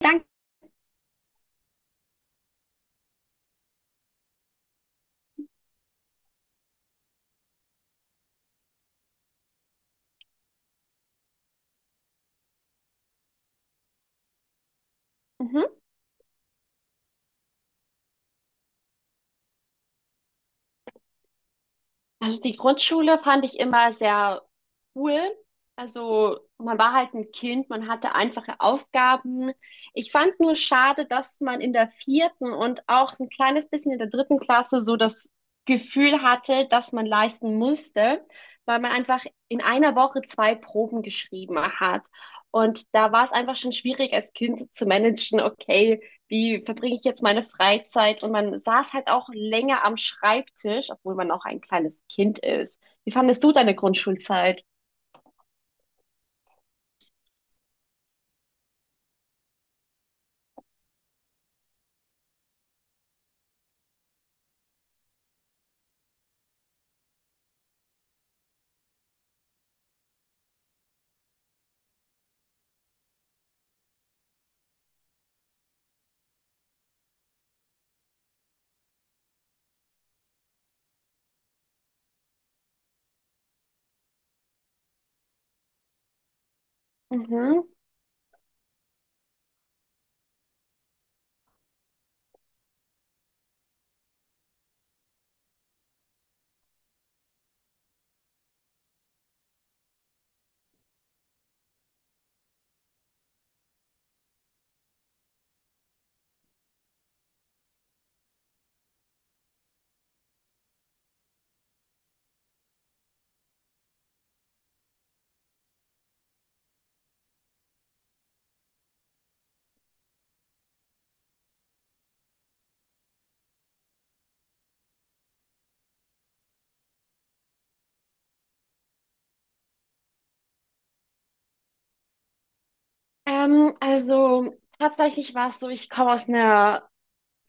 Danke. Mhm. Also die Grundschule fand ich immer sehr cool. Also man war halt ein Kind, man hatte einfache Aufgaben. Ich fand nur schade, dass man in der vierten und auch ein kleines bisschen in der dritten Klasse so das Gefühl hatte, dass man leisten musste, weil man einfach in einer Woche zwei Proben geschrieben hat. Und da war es einfach schon schwierig als Kind zu managen, okay, wie verbringe ich jetzt meine Freizeit? Und man saß halt auch länger am Schreibtisch, obwohl man auch ein kleines Kind ist. Wie fandest du deine Grundschulzeit? Mhm. Also tatsächlich war es so, ich komme aus einer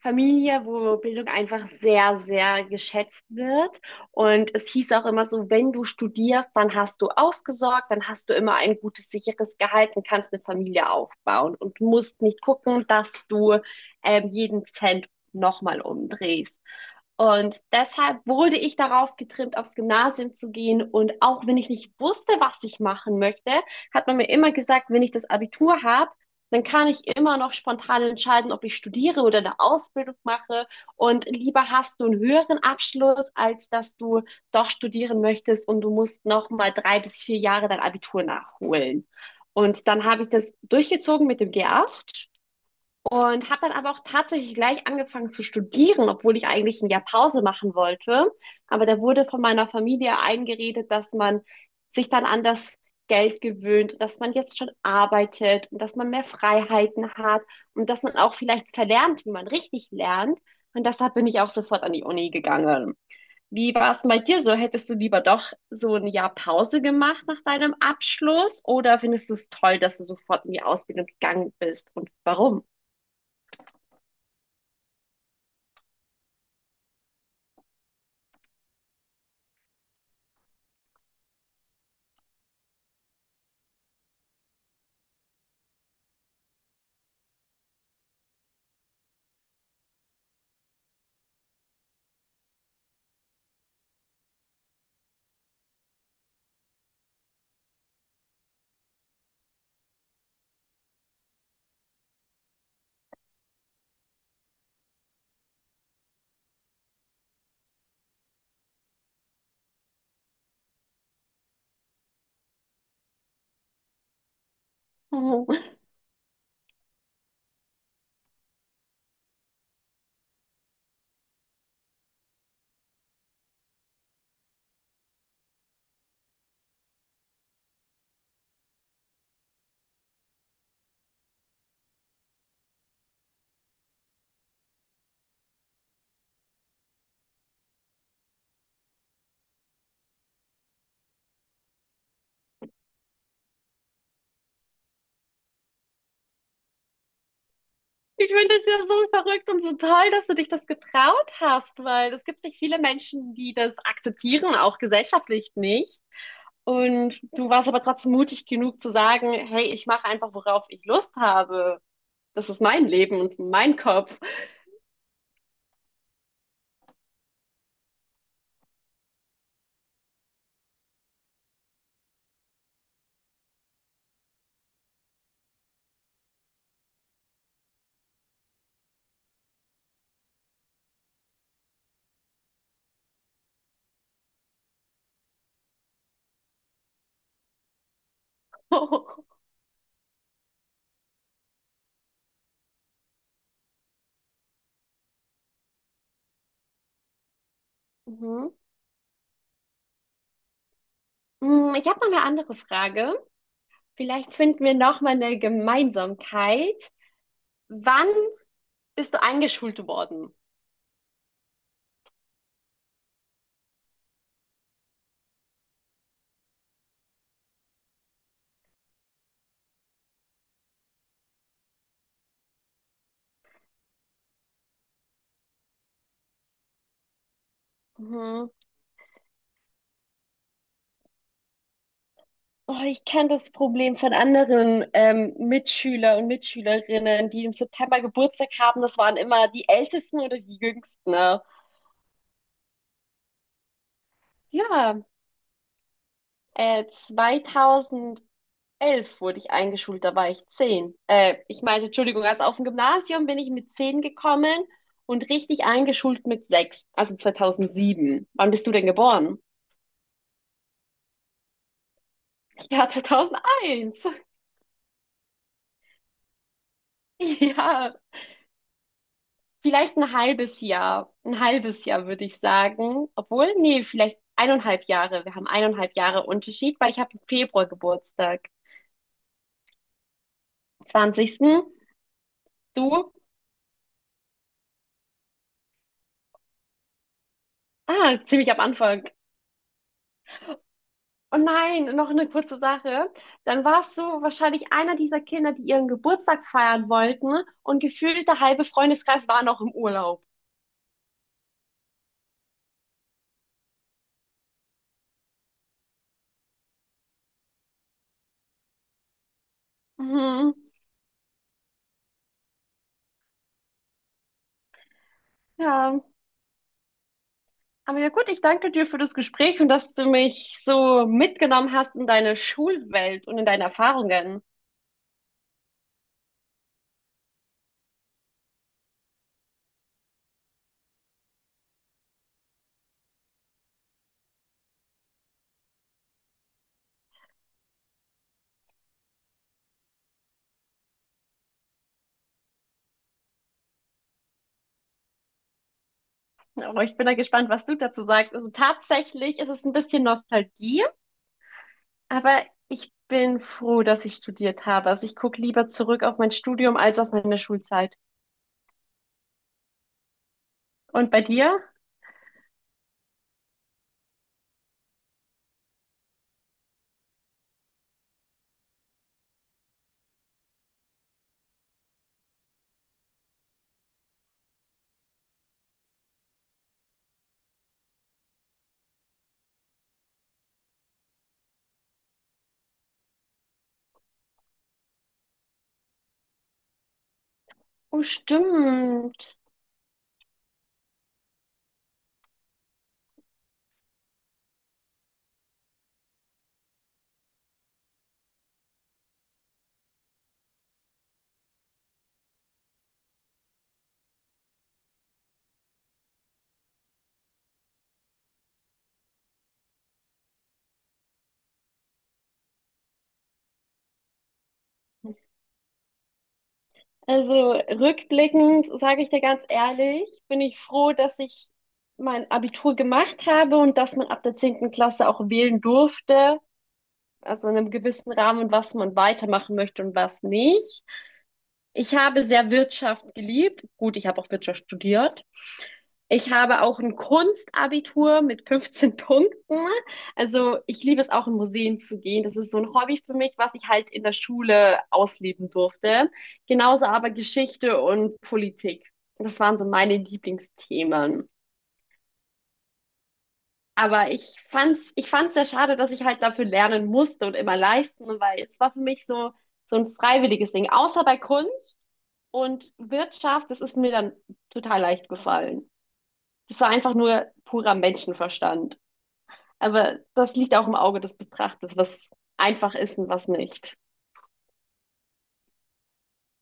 Familie, wo Bildung einfach sehr, sehr geschätzt wird. Und es hieß auch immer so, wenn du studierst, dann hast du ausgesorgt, dann hast du immer ein gutes, sicheres Gehalt und kannst eine Familie aufbauen und musst nicht gucken, dass du jeden Cent nochmal umdrehst. Und deshalb wurde ich darauf getrimmt, aufs Gymnasium zu gehen. Und auch wenn ich nicht wusste, was ich machen möchte, hat man mir immer gesagt, wenn ich das Abitur habe, dann kann ich immer noch spontan entscheiden, ob ich studiere oder eine Ausbildung mache. Und lieber hast du einen höheren Abschluss, als dass du doch studieren möchtest und du musst noch mal drei bis vier Jahre dein Abitur nachholen. Und dann habe ich das durchgezogen mit dem G8 und habe dann aber auch tatsächlich gleich angefangen zu studieren, obwohl ich eigentlich ein Jahr Pause machen wollte. Aber da wurde von meiner Familie eingeredet, dass man sich dann an das Geld gewöhnt, dass man jetzt schon arbeitet und dass man mehr Freiheiten hat und dass man auch vielleicht verlernt, wie man richtig lernt. Und deshalb bin ich auch sofort an die Uni gegangen. Wie war es denn bei dir so? Hättest du lieber doch so ein Jahr Pause gemacht nach deinem Abschluss oder findest du es toll, dass du sofort in die Ausbildung gegangen bist und warum? Oh, ich finde es ja so verrückt und so toll, dass du dich das getraut hast, weil es gibt nicht viele Menschen, die das akzeptieren, auch gesellschaftlich nicht. Und du warst aber trotzdem mutig genug zu sagen, hey, ich mache einfach, worauf ich Lust habe. Das ist mein Leben und mein Kopf. Mhm. Hm, ich habe noch eine andere Frage. Vielleicht finden wir noch mal eine Gemeinsamkeit. Wann bist du eingeschult worden? Mhm. Oh, ich kenne das Problem von anderen Mitschüler und Mitschülerinnen, die im September Geburtstag haben. Das waren immer die Ältesten oder die Jüngsten, ne? Ja, 2011 wurde ich eingeschult, da war ich 10. Ich meinte, Entschuldigung, also auf dem Gymnasium bin ich mit 10 gekommen und richtig eingeschult mit 6, also 2007. Wann bist du denn geboren? Ja, 2001. Ja. Vielleicht ein halbes Jahr. Ein halbes Jahr würde ich sagen. Obwohl, nee, vielleicht eineinhalb Jahre. Wir haben eineinhalb Jahre Unterschied, weil ich habe im Februar Geburtstag. 20. Du? Ah, ziemlich am Anfang. Oh nein, noch eine kurze Sache. Dann warst du wahrscheinlich einer dieser Kinder, die ihren Geburtstag feiern wollten und gefühlt der halbe Freundeskreis war noch im Urlaub. Mhm. Ja. Aber ja gut, ich danke dir für das Gespräch und dass du mich so mitgenommen hast in deine Schulwelt und in deine Erfahrungen. Aber ich bin da gespannt, was du dazu sagst. Also tatsächlich ist es ein bisschen Nostalgie, aber ich bin froh, dass ich studiert habe. Also ich gucke lieber zurück auf mein Studium als auf meine Schulzeit. Und bei dir? Oh, stimmt. Also rückblickend sage ich dir ganz ehrlich, bin ich froh, dass ich mein Abitur gemacht habe und dass man ab der zehnten Klasse auch wählen durfte, also in einem gewissen Rahmen, was man weitermachen möchte und was nicht. Ich habe sehr Wirtschaft geliebt. Gut, ich habe auch Wirtschaft studiert. Ich habe auch ein Kunstabitur mit 15 Punkten. Also ich liebe es auch in Museen zu gehen. Das ist so ein Hobby für mich, was ich halt in der Schule ausleben durfte. Genauso aber Geschichte und Politik. Das waren so meine Lieblingsthemen. Aber ich fand's sehr schade, dass ich halt dafür lernen musste und immer leisten, weil es war für mich so, so ein freiwilliges Ding. Außer bei Kunst, und Wirtschaft, das ist mir dann total leicht gefallen. Das war einfach nur purer Menschenverstand. Aber das liegt auch im Auge des Betrachters, was einfach ist und was nicht.